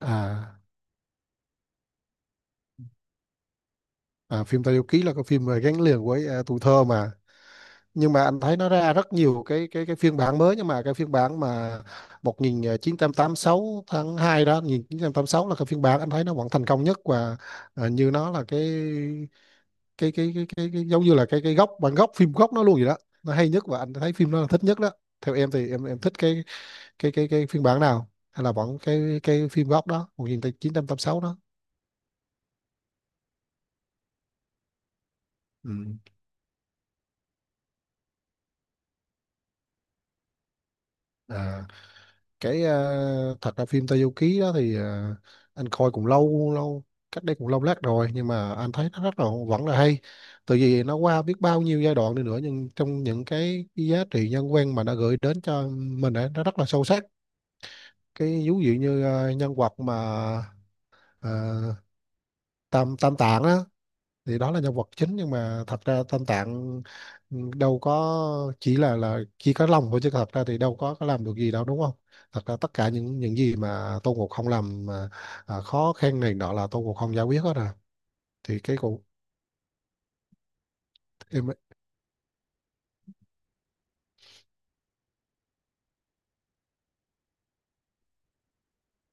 À, Phim Tây Du Ký là cái phim mà gắn liền với tuổi thơ mà nhưng mà anh thấy nó ra rất nhiều cái phiên bản mới, nhưng mà cái phiên bản mà một nghìn chín trăm tám mươi sáu tháng 2 đó, 1986 là cái phiên bản anh thấy nó vẫn thành công nhất. Và như nó là cái giống như là cái gốc, bản gốc, phim gốc nó luôn vậy đó, nó hay nhất và anh thấy phim nó là thích nhất đó. Theo em thì em thích cái phiên bản nào, hay là vẫn cái phim gốc đó 1986 đó? Ừ. À. Cái thật ra phim Tayuki đó thì anh coi cũng lâu lâu, cách đây cũng lâu lát rồi, nhưng mà anh thấy nó rất là vẫn là hay, từ vì nó qua biết bao nhiêu giai đoạn đi nữa, nhưng trong những cái giá trị nhân văn mà nó gửi đến cho mình ấy, nó rất là sâu sắc. Cái ví dụ như nhân vật mà ờ, Tam Tam Tạng á, thì đó là nhân vật chính nhưng mà thật ra Tam Tạng, đâu có chỉ là chỉ có lòng thôi chứ thật ra thì đâu có làm được gì đâu, đúng không? Thật ra tất cả những gì mà Tôn Ngộ Không làm mà, khó khăn này nọ là Tôn Ngộ Không giải quyết hết rồi, thì cái cụ em.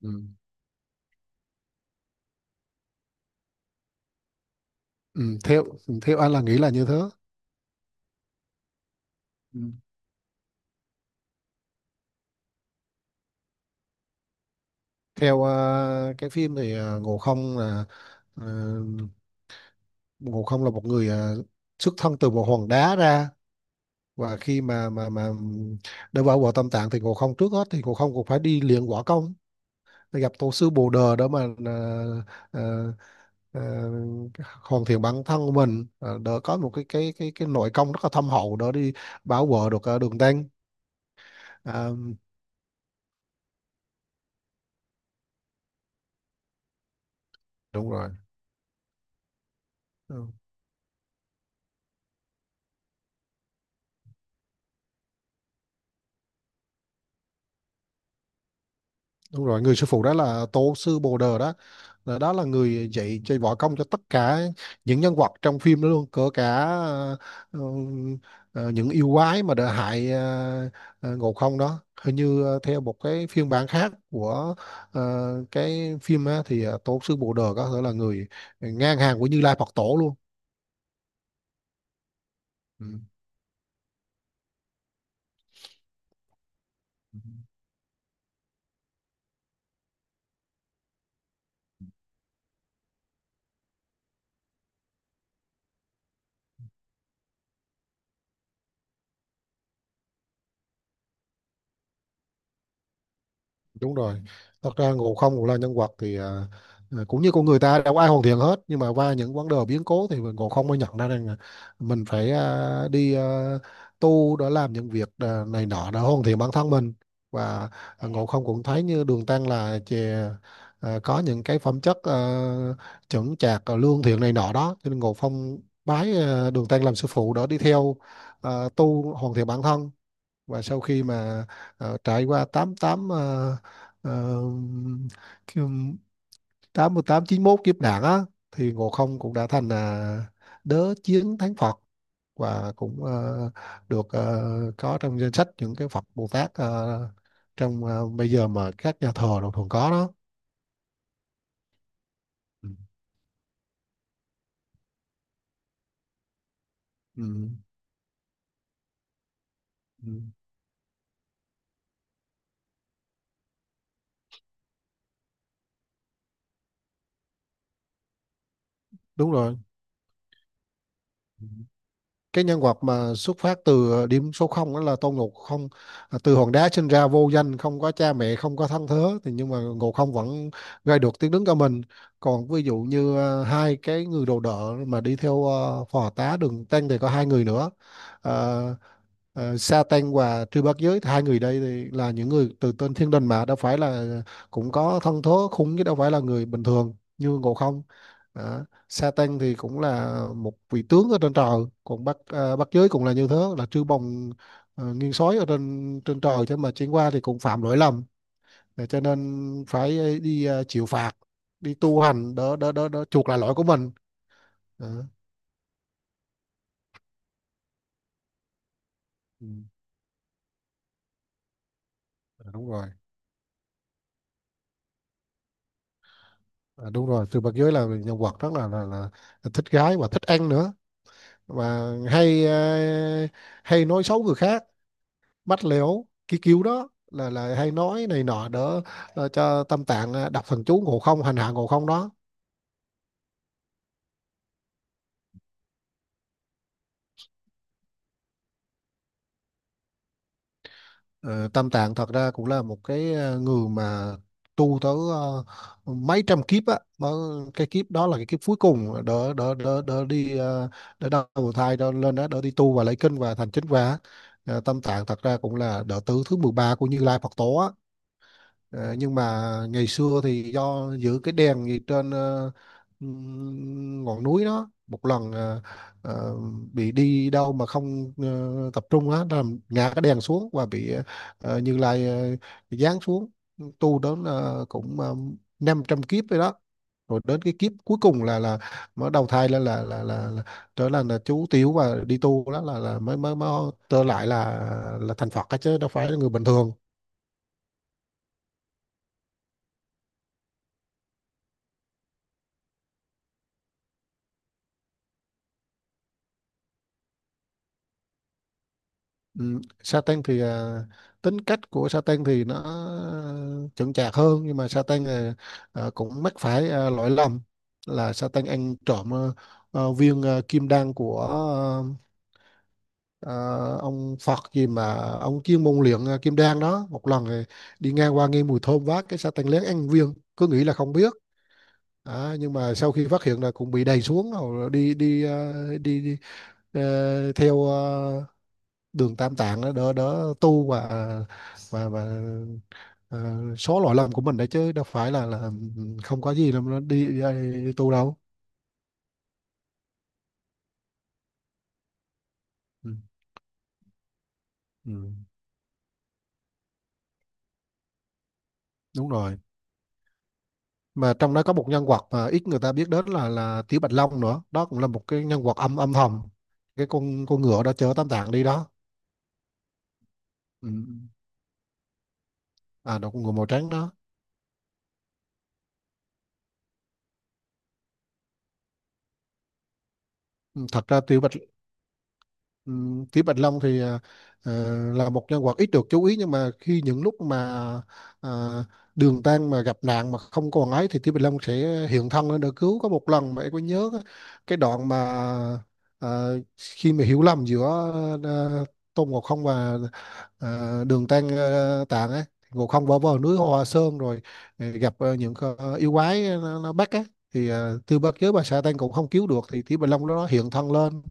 Ừ. Theo anh là nghĩ là như thế. Ừ. Theo cái phim thì, ờ, Ngộ Không là một người, xuất thân từ một hòn đá ra, và khi mà để vào quả tâm tạng thì Ngộ Không trước hết thì Ngộ Không cũng phải đi luyện võ công, gặp tổ sư Bồ Đờ đó mà à, à, hoàn thiện bản thân của mình. Ờ, Đỡ có một cái nội công rất là thâm hậu, đỡ đi bảo vệ được đường tăng. à, Đúng rồi. Ừ. Đúng rồi, người sư phụ đó là tổ sư Bồ Đờ đó. Đó là người dạy dạy võ công cho tất cả những nhân vật trong phim đó luôn, cỡ cả ừ, những yêu quái mà đã hại Ngộ Không đó. Hình như theo một cái phiên bản khác của ờ, cái phim á, thì tổ sư Bồ Đờ có thể là người ngang hàng của Như Lai Phật Tổ luôn. Ừ. Đúng rồi, thật ra Ngộ Không cũng là nhân vật thì cũng như con người ta đâu có ai hoàn thiện hết, nhưng mà qua những vấn đề biến cố thì Ngộ Không mới nhận ra rằng là mình phải đi tu để làm những việc này nọ để hoàn thiện bản thân mình. Và Ngộ Không cũng thấy như Đường Tăng là chè, có những cái phẩm chất, chững chạc, lương thiện này nọ đó, cho nên Ngộ Không bái Đường Tăng làm sư phụ để đi theo tu hoàn thiện bản thân. Và sau khi mà trải qua tám tám ờ, ờ, kiểu tám mươi tám chín mốt kiếp nạn á, thì Ngộ Không cũng đã thành là đớ chiến thánh Phật, và cũng được ờ, có trong danh sách những cái Phật Bồ Tát, bây giờ mà các nhà thờ đồng thường có đó. Ừ. Ừ. Ừ. Đúng rồi. Cái nhân vật mà xuất phát từ điểm số không đó là Tôn Ngộ Không. À, từ hòn đá sinh ra vô danh, không có cha mẹ, không có thân thế, thì nhưng mà Ngộ Không vẫn gây được tiếng đứng cho mình. Còn ví dụ như hai cái người đồ đỡ mà đi theo phò tá Đường Tăng thì có hai người nữa, à, Satan và Trư Bát Giới, hai người đây thì là những người từ tên thiên đình, mà đâu phải là, cũng có thân thố khủng chứ đâu phải là người bình thường như Ngộ Không. Đó. Satan thì cũng là một vị tướng ở trên trời, còn Bát Giới cũng là như thế, là Trư Bồng, nguyên soái ở trên trên trời, thế mà chuyển qua thì cũng phạm lỗi lầm. Để cho nên phải đi chịu phạt, đi tu hành đỡ chuộc lại lỗi của mình. Đó. Ừ, đúng rồi. À, đúng rồi, Từ Bạc Giới là nhân vật rất là thích gái và thích ăn nữa, và hay nói xấu người khác, bắt lẻo cái kiểu đó là hay nói này nọ đỡ, cho Tam Tạng đọc thần chú Ngộ Không, hành hạ Ngộ Không đó. Ờ, Tam Tạng thật ra cũng là một cái người mà tu tới mấy trăm kiếp á, mà cái kiếp đó là cái kiếp cuối cùng, đỡ đỡ đỡ đỡ đi đỡ đầu thai đỡ lên đó, đỡ đi tu và lấy kinh và thành chính quả. Ờ, Tam Tạng thật ra cũng là đệ tử thứ 13 của Như Lai Phật tổ á. Ờ, nhưng mà ngày xưa thì do giữ cái đèn gì trên ngọn núi đó, một lần ờ, bị đi đâu mà không tập trung á, làm ngã cái đèn xuống, và bị Như Lai giáng xuống, tu đến cũng 500 kiếp rồi đó, rồi đến cái kiếp cuối cùng là mới đầu thai lên là trở là chú Tiểu, và đi tu đó là mới mới mới trở lại là thành Phật á, chứ đâu phải là người bình thường. Ừ, Satan thì tính cách của Satan thì nó chững chạc hơn, nhưng mà Satan cũng mắc phải lỗi lầm, là Satan ăn trộm viên kim đan của à, ông Phật gì mà ông chuyên môn luyện kim đan đó. Một lần thì đi ngang qua nghe mùi thơm, vác cái Satan lén ăn viên, cứ nghĩ là không biết. À, nhưng mà sau khi phát hiện là cũng bị đày xuống, rồi đi theo đường tam tạng đó, đỡ đỡ tu và ờ, số lỗi lầm của mình đấy, chứ đâu phải là không có gì đâu, nó đi tu đâu. ừ, ừ, Đúng rồi, mà trong đó có một nhân vật mà ít người ta biết đến là Tiểu Bạch Long nữa đó, cũng là một cái nhân vật âm âm thầm, cái con ngựa đó chở tam tạng đi đó. Ừ. À, đó con ngựa màu trắng đó. Ừ, thật ra Ừ, Kỷ Bạch Long thì là một nhân vật ít được chú ý, nhưng mà khi những lúc mà à, Đường Tăng mà gặp nạn mà không còn ấy, thì Kỷ Bạch Long sẽ hiện thân lên để cứu. Có một lần mà em có nhớ cái đoạn mà à, khi mà hiểu lầm giữa à, Tôn Ngộ Không và Tạng ấy, Ngộ Không bỏ vào núi Hoa Sơn, rồi gặp những con yêu quái, nó bắt á, thì Tư Bất Giới và Sa Tăng cũng không cứu được, thì Kỷ Bạch Long nó hiện thân lên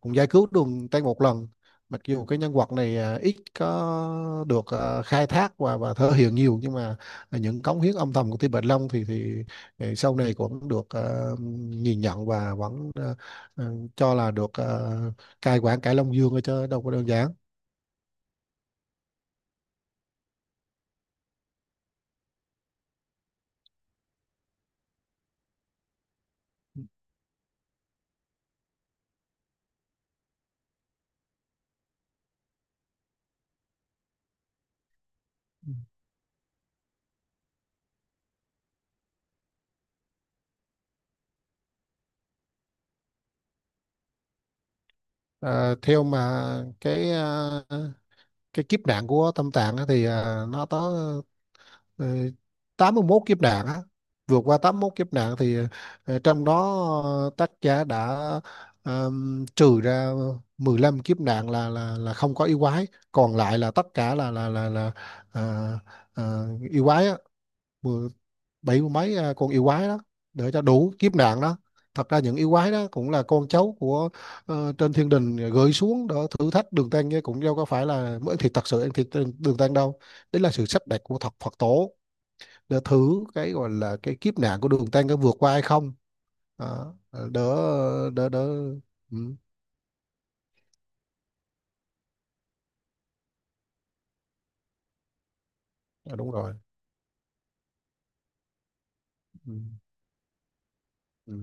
cũng giải cứu đường tay một lần. Mặc dù cái nhân vật này ít có được khai thác và thể hiện nhiều, nhưng mà những cống hiến âm thầm của Tiêu Bạch Long thì thì sau này cũng được nhìn nhận, và vẫn à, cho là được cai quản cải Long Dương ở, chứ đâu có đơn giản. À, theo mà cái à, cái kiếp nạn của Tâm Tạng á thì nó có, Ờ, 81 kiếp nạn á. Vượt qua 81 kiếp nạn thì trong đó, tác giả đã trừ ra 15 kiếp nạn là không có yêu quái, còn lại là tất cả là à, à, yêu quái á. Mười- Bảy mươi mấy con yêu quái đó để cho đủ kiếp nạn đó. Thật ra những yêu quái đó cũng là con cháu của trên thiên đình, gửi xuống để thử thách Đường Tăng, chứ cũng đâu có phải là mới thì thật sự ăn thịt trên Đường Tăng đâu, đấy là sự sắp đặt của thật Phật tổ, để thử cái gọi là cái kiếp nạn của đường tăng có vượt qua hay không. Đó. Đỡ đỡ đỡ Ừ. À, đúng rồi. Ừ. Ừ.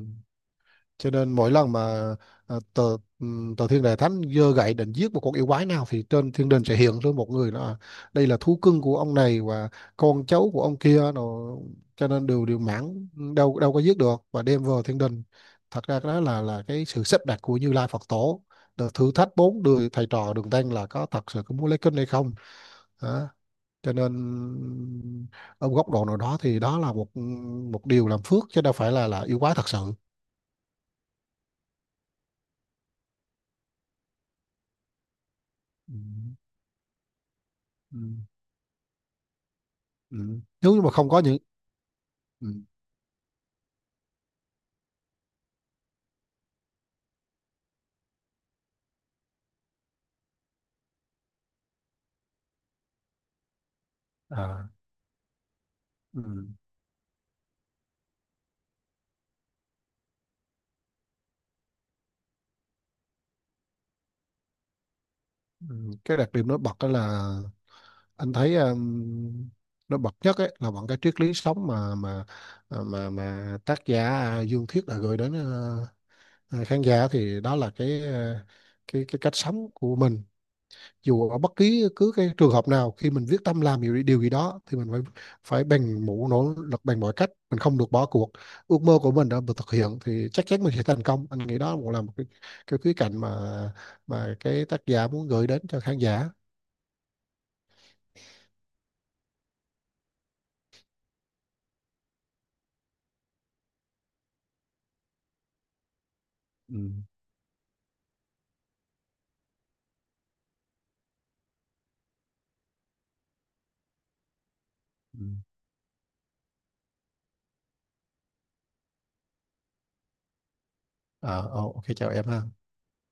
Cho nên mỗi lần mà à, tờ ừ, tờ thiên đà thánh giơ gậy định giết một con yêu quái nào, thì trên thiên đình sẽ hiện ra một người đó, đây là thú cưng của ông này, và con cháu của ông kia, rồi cho nên đều đều mãn, đâu đâu có giết được và đem vào thiên đình. Thật ra cái đó là cái sự sắp đặt của Như Lai Phật Tổ. Đợt thử thách bốn đời thầy trò Đường Tăng là có thật sự có muốn lấy kinh hay không. Đó. Cho nên ở một góc độ nào đó thì đó là một một điều làm phước, chứ đâu phải là yêu quái thật sự. Ừ. Ừ. Ừ. Nếu như mà không có những... Ừ. À. Ừ. Ừ. Cái đặc điểm nổi bật đó là anh thấy, nó bật nhất ấy, là bằng cái triết lý sống mà tác giả, Dương Thiết đã gửi đến khán giả, thì đó là cái, cái cách sống của mình. Dù ở bất kỳ cứ cái trường hợp nào, khi mình quyết tâm làm điều gì đó thì mình phải phải bằng mũ nỗ lực, bằng mọi cách mình không được bỏ cuộc, ước mơ của mình đã được thực hiện thì chắc chắn mình sẽ thành công. Anh nghĩ đó cũng là một cái khía cạnh mà cái tác giả muốn gửi đến cho khán giả. Ừ. Ừ. À, ok chào em ha.